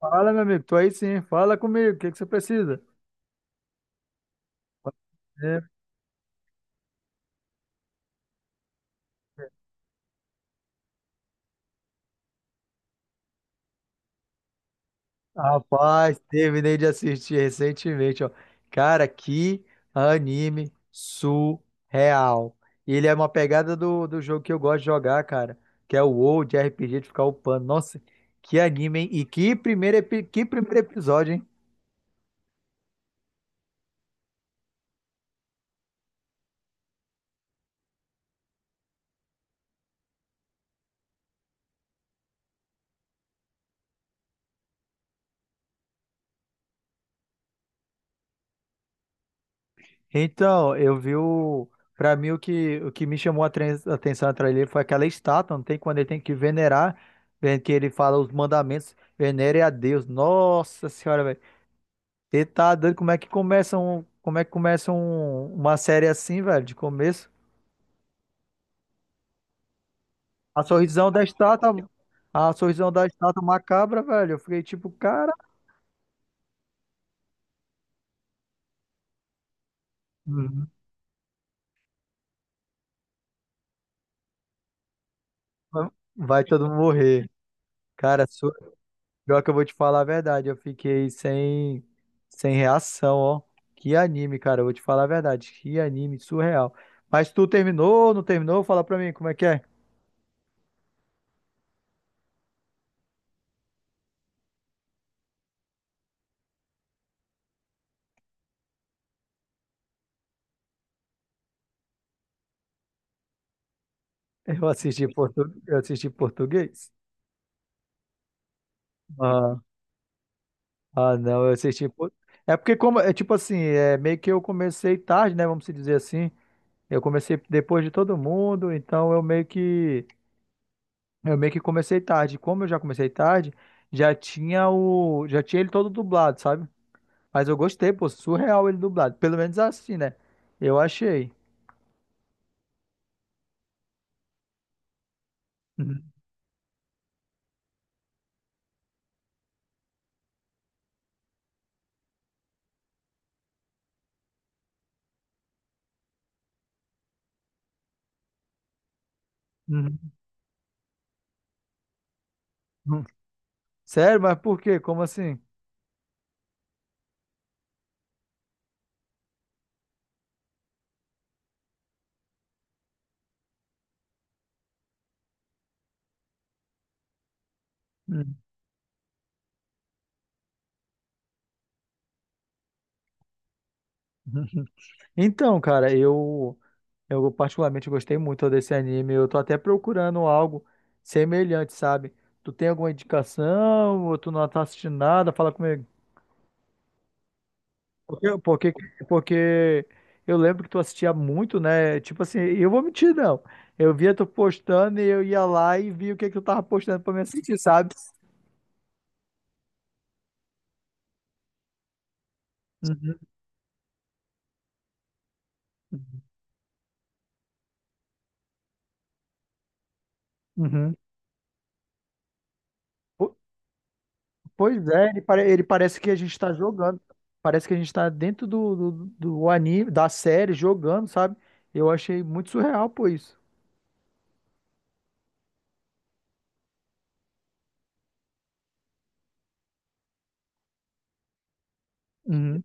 Fala, meu amigo, tô aí sim. Fala comigo, o que que você precisa? É. Rapaz, terminei de assistir recentemente, ó. Cara, que anime surreal. Ele é uma pegada do jogo que eu gosto de jogar, cara, que é o WoW de RPG de ficar upando. Nossa, que anime, hein? E que que primeiro episódio, hein? Então, eu vi o. Pra mim, o que me chamou a a atenção atrás dele foi aquela estátua, não tem, quando ele tem que venerar, vendo que ele fala os mandamentos, venere a Deus. Nossa senhora, velho. Ele tá doido, como é que começa uma série assim, velho, de começo? A sorrisão da estátua, a sorrisão da estátua macabra, velho. Eu fiquei tipo, cara, uhum, vai todo mundo morrer. Cara, pior que eu vou te falar a verdade, eu fiquei sem, sem reação, ó. Que anime, cara, eu vou te falar a verdade. Que anime surreal. Mas tu terminou, não terminou? Fala pra mim como é que é. Eu assisti portu... eu assisti português. Ah, ah, não, eu assisti por... É porque, como é tipo assim, é meio que eu comecei tarde, né, vamos se dizer assim. Eu comecei depois de todo mundo, então eu meio que comecei tarde. Como eu já comecei tarde, já tinha ele todo dublado, sabe? Mas eu gostei, pô, surreal ele dublado. Pelo menos assim, né? Eu achei. Uhum, uhum, uhum. Sério, mas por quê? Como assim? Uhum, uhum. Então, cara, eu particularmente gostei muito desse anime. Eu tô até procurando algo semelhante, sabe? Tu tem alguma indicação? Ou tu não tá assistindo nada? Fala comigo. Porque, porque, porque eu lembro que tu assistia muito, né? Tipo assim, eu vou mentir, não. Eu via tu postando e eu ia lá e via o que que tu tava postando pra me assistir, sabe? Uhum. Po- Pois é, ele, ele parece que a gente tá jogando. Parece que a gente tá dentro do anime, da série, jogando, sabe? Eu achei muito surreal, pô, isso. Uhum.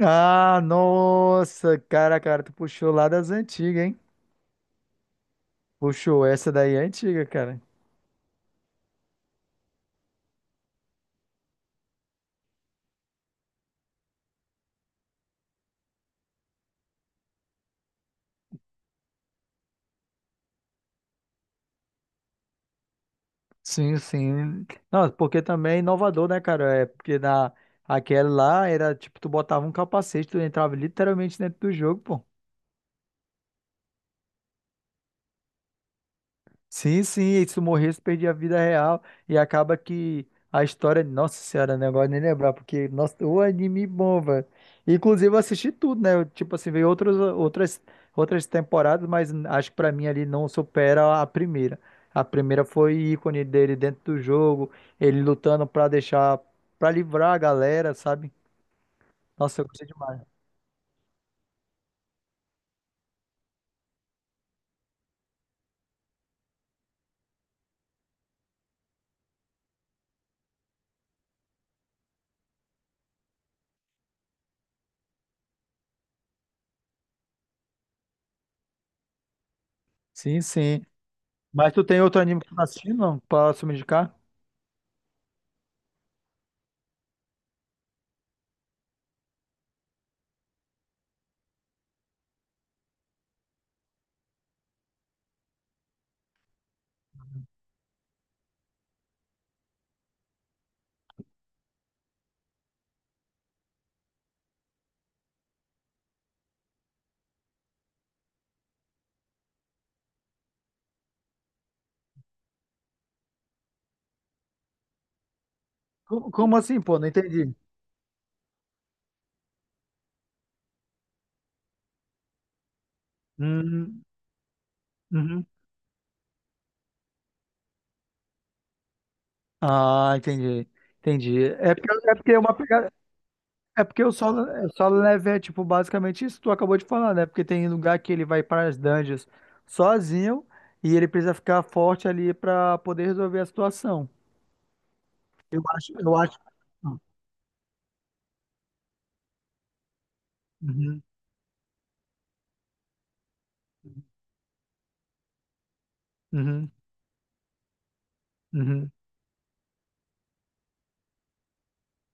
Ah, nossa, cara, cara, tu puxou lá das antigas, hein? Puxou, essa daí é antiga, cara. Sim, sim. Não, porque também é inovador, né, cara? É porque na aquela lá era tipo, tu botava um capacete, tu entrava literalmente dentro do jogo, pô. Sim, sim, e se tu morresse, perdia a vida real. E acaba que a história. Nossa Senhora, negócio nem lembrar, porque, nossa, o anime bom, velho. Inclusive, eu assisti tudo, né? Eu, tipo assim, veio outros, outras temporadas, mas acho que pra mim ali não supera a primeira. A primeira foi ícone dele dentro do jogo, ele lutando pra deixar, pra livrar a galera, sabe? Nossa, eu gostei demais. Sim, sim. Mas tu tem outro anime que tu tá assistindo, não? Posso me indicar? Como, como assim, pô? Não entendi. Hum, uhum. Ah, entendi. Entendi. É porque é uma pegada. É porque o solo level é tipo basicamente isso que tu acabou de falar, né? Porque tem lugar que ele vai para as dungeons sozinho e ele precisa ficar forte ali para poder resolver a situação. Eu acho. Uhum, uhum, uhum.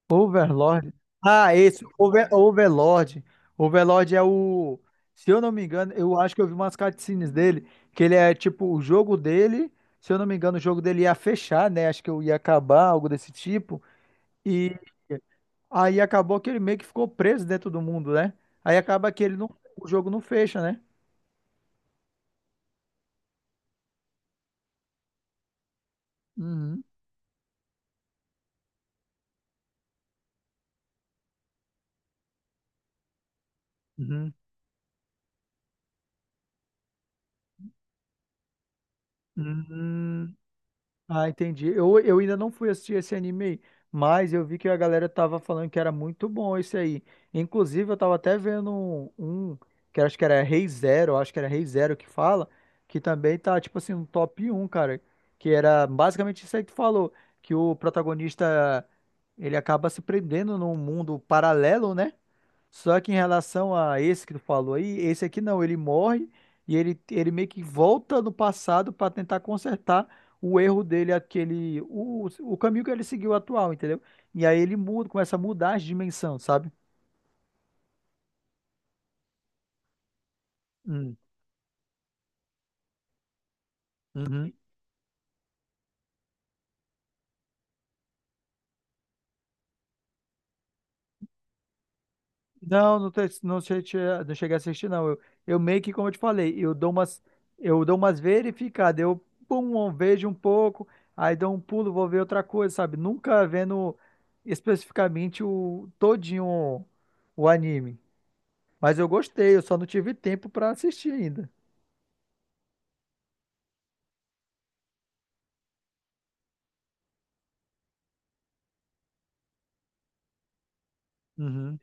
Overlord. Ah, esse, Overlord. Overlord é o. Se eu não me engano, eu acho que eu vi umas cutscenes dele, que ele é tipo o jogo dele. Se eu não me engano, o jogo dele ia fechar, né? Acho que eu ia acabar, algo desse tipo. E aí acabou que ele meio que ficou preso dentro do mundo, né? Aí acaba que ele não, o jogo não fecha, né? Uhum. Uhum. Hum, ah, entendi. Eu ainda não fui assistir esse anime aí, mas eu vi que a galera tava falando que era muito bom esse aí. Inclusive, eu tava até vendo um, um que eu acho que era Rei Zero, eu acho que era Rei Zero que fala, que também tá, tipo assim, no top um, cara. Que era basicamente isso aí que tu falou, que o protagonista, ele acaba se prendendo num mundo paralelo, né? Só que em relação a esse que tu falou aí, esse aqui não, ele morre e ele meio que volta no passado para tentar consertar o erro dele, aquele, o caminho que ele seguiu atual, entendeu? E aí ele muda, começa a mudar as dimensões, sabe? Hum, uhum. Não, não, não, não cheguei a assistir, não. Eu meio que, como eu te falei, eu dou umas verificadas. Eu pum, eu vejo um pouco, aí dou um pulo, vou ver outra coisa, sabe? Nunca vendo especificamente o todinho o anime. Mas eu gostei, eu só não tive tempo pra assistir ainda. Uhum,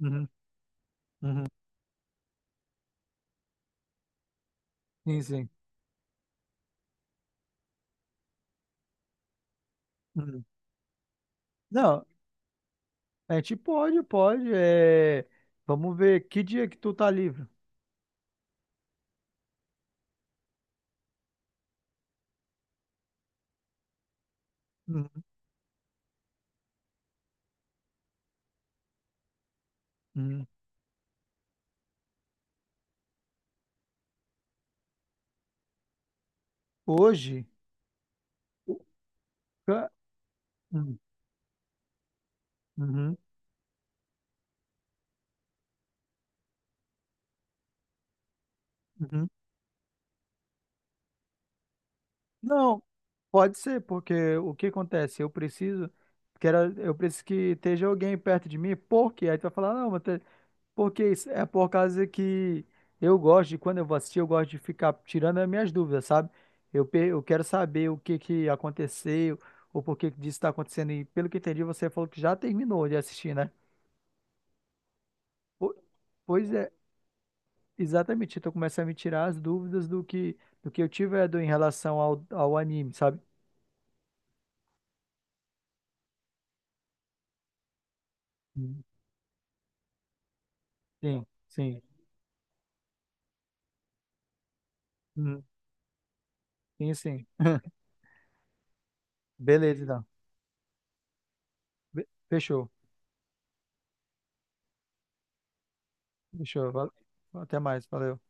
uhum, uhum. Sim, sim. Uhum. Não, a gente pode, pode. É, vamos ver que dia que tu tá livre. Uhum, uhum. Hoje. o- Ca- hum. Uhum, uhum. Não, pode ser, porque o que acontece? Eu preciso, quero, eu preciso que esteja alguém perto de mim, porque aí tu vai falar, "Ah, não, mas porque isso é por causa que eu gosto de, quando eu vou assistir, eu gosto de ficar tirando as minhas dúvidas, sabe? Eu, eu quero saber o que que aconteceu, ou por que que disso está acontecendo, e pelo que entendi, você falou que já terminou de assistir, né? Po- Pois é, exatamente, então começa a me tirar as dúvidas do que eu tive em relação ao, ao anime, sabe? Sim, sim. Uhum, sim, sim. Beleza, então. Fechou. Fechou. Até mais. Valeu.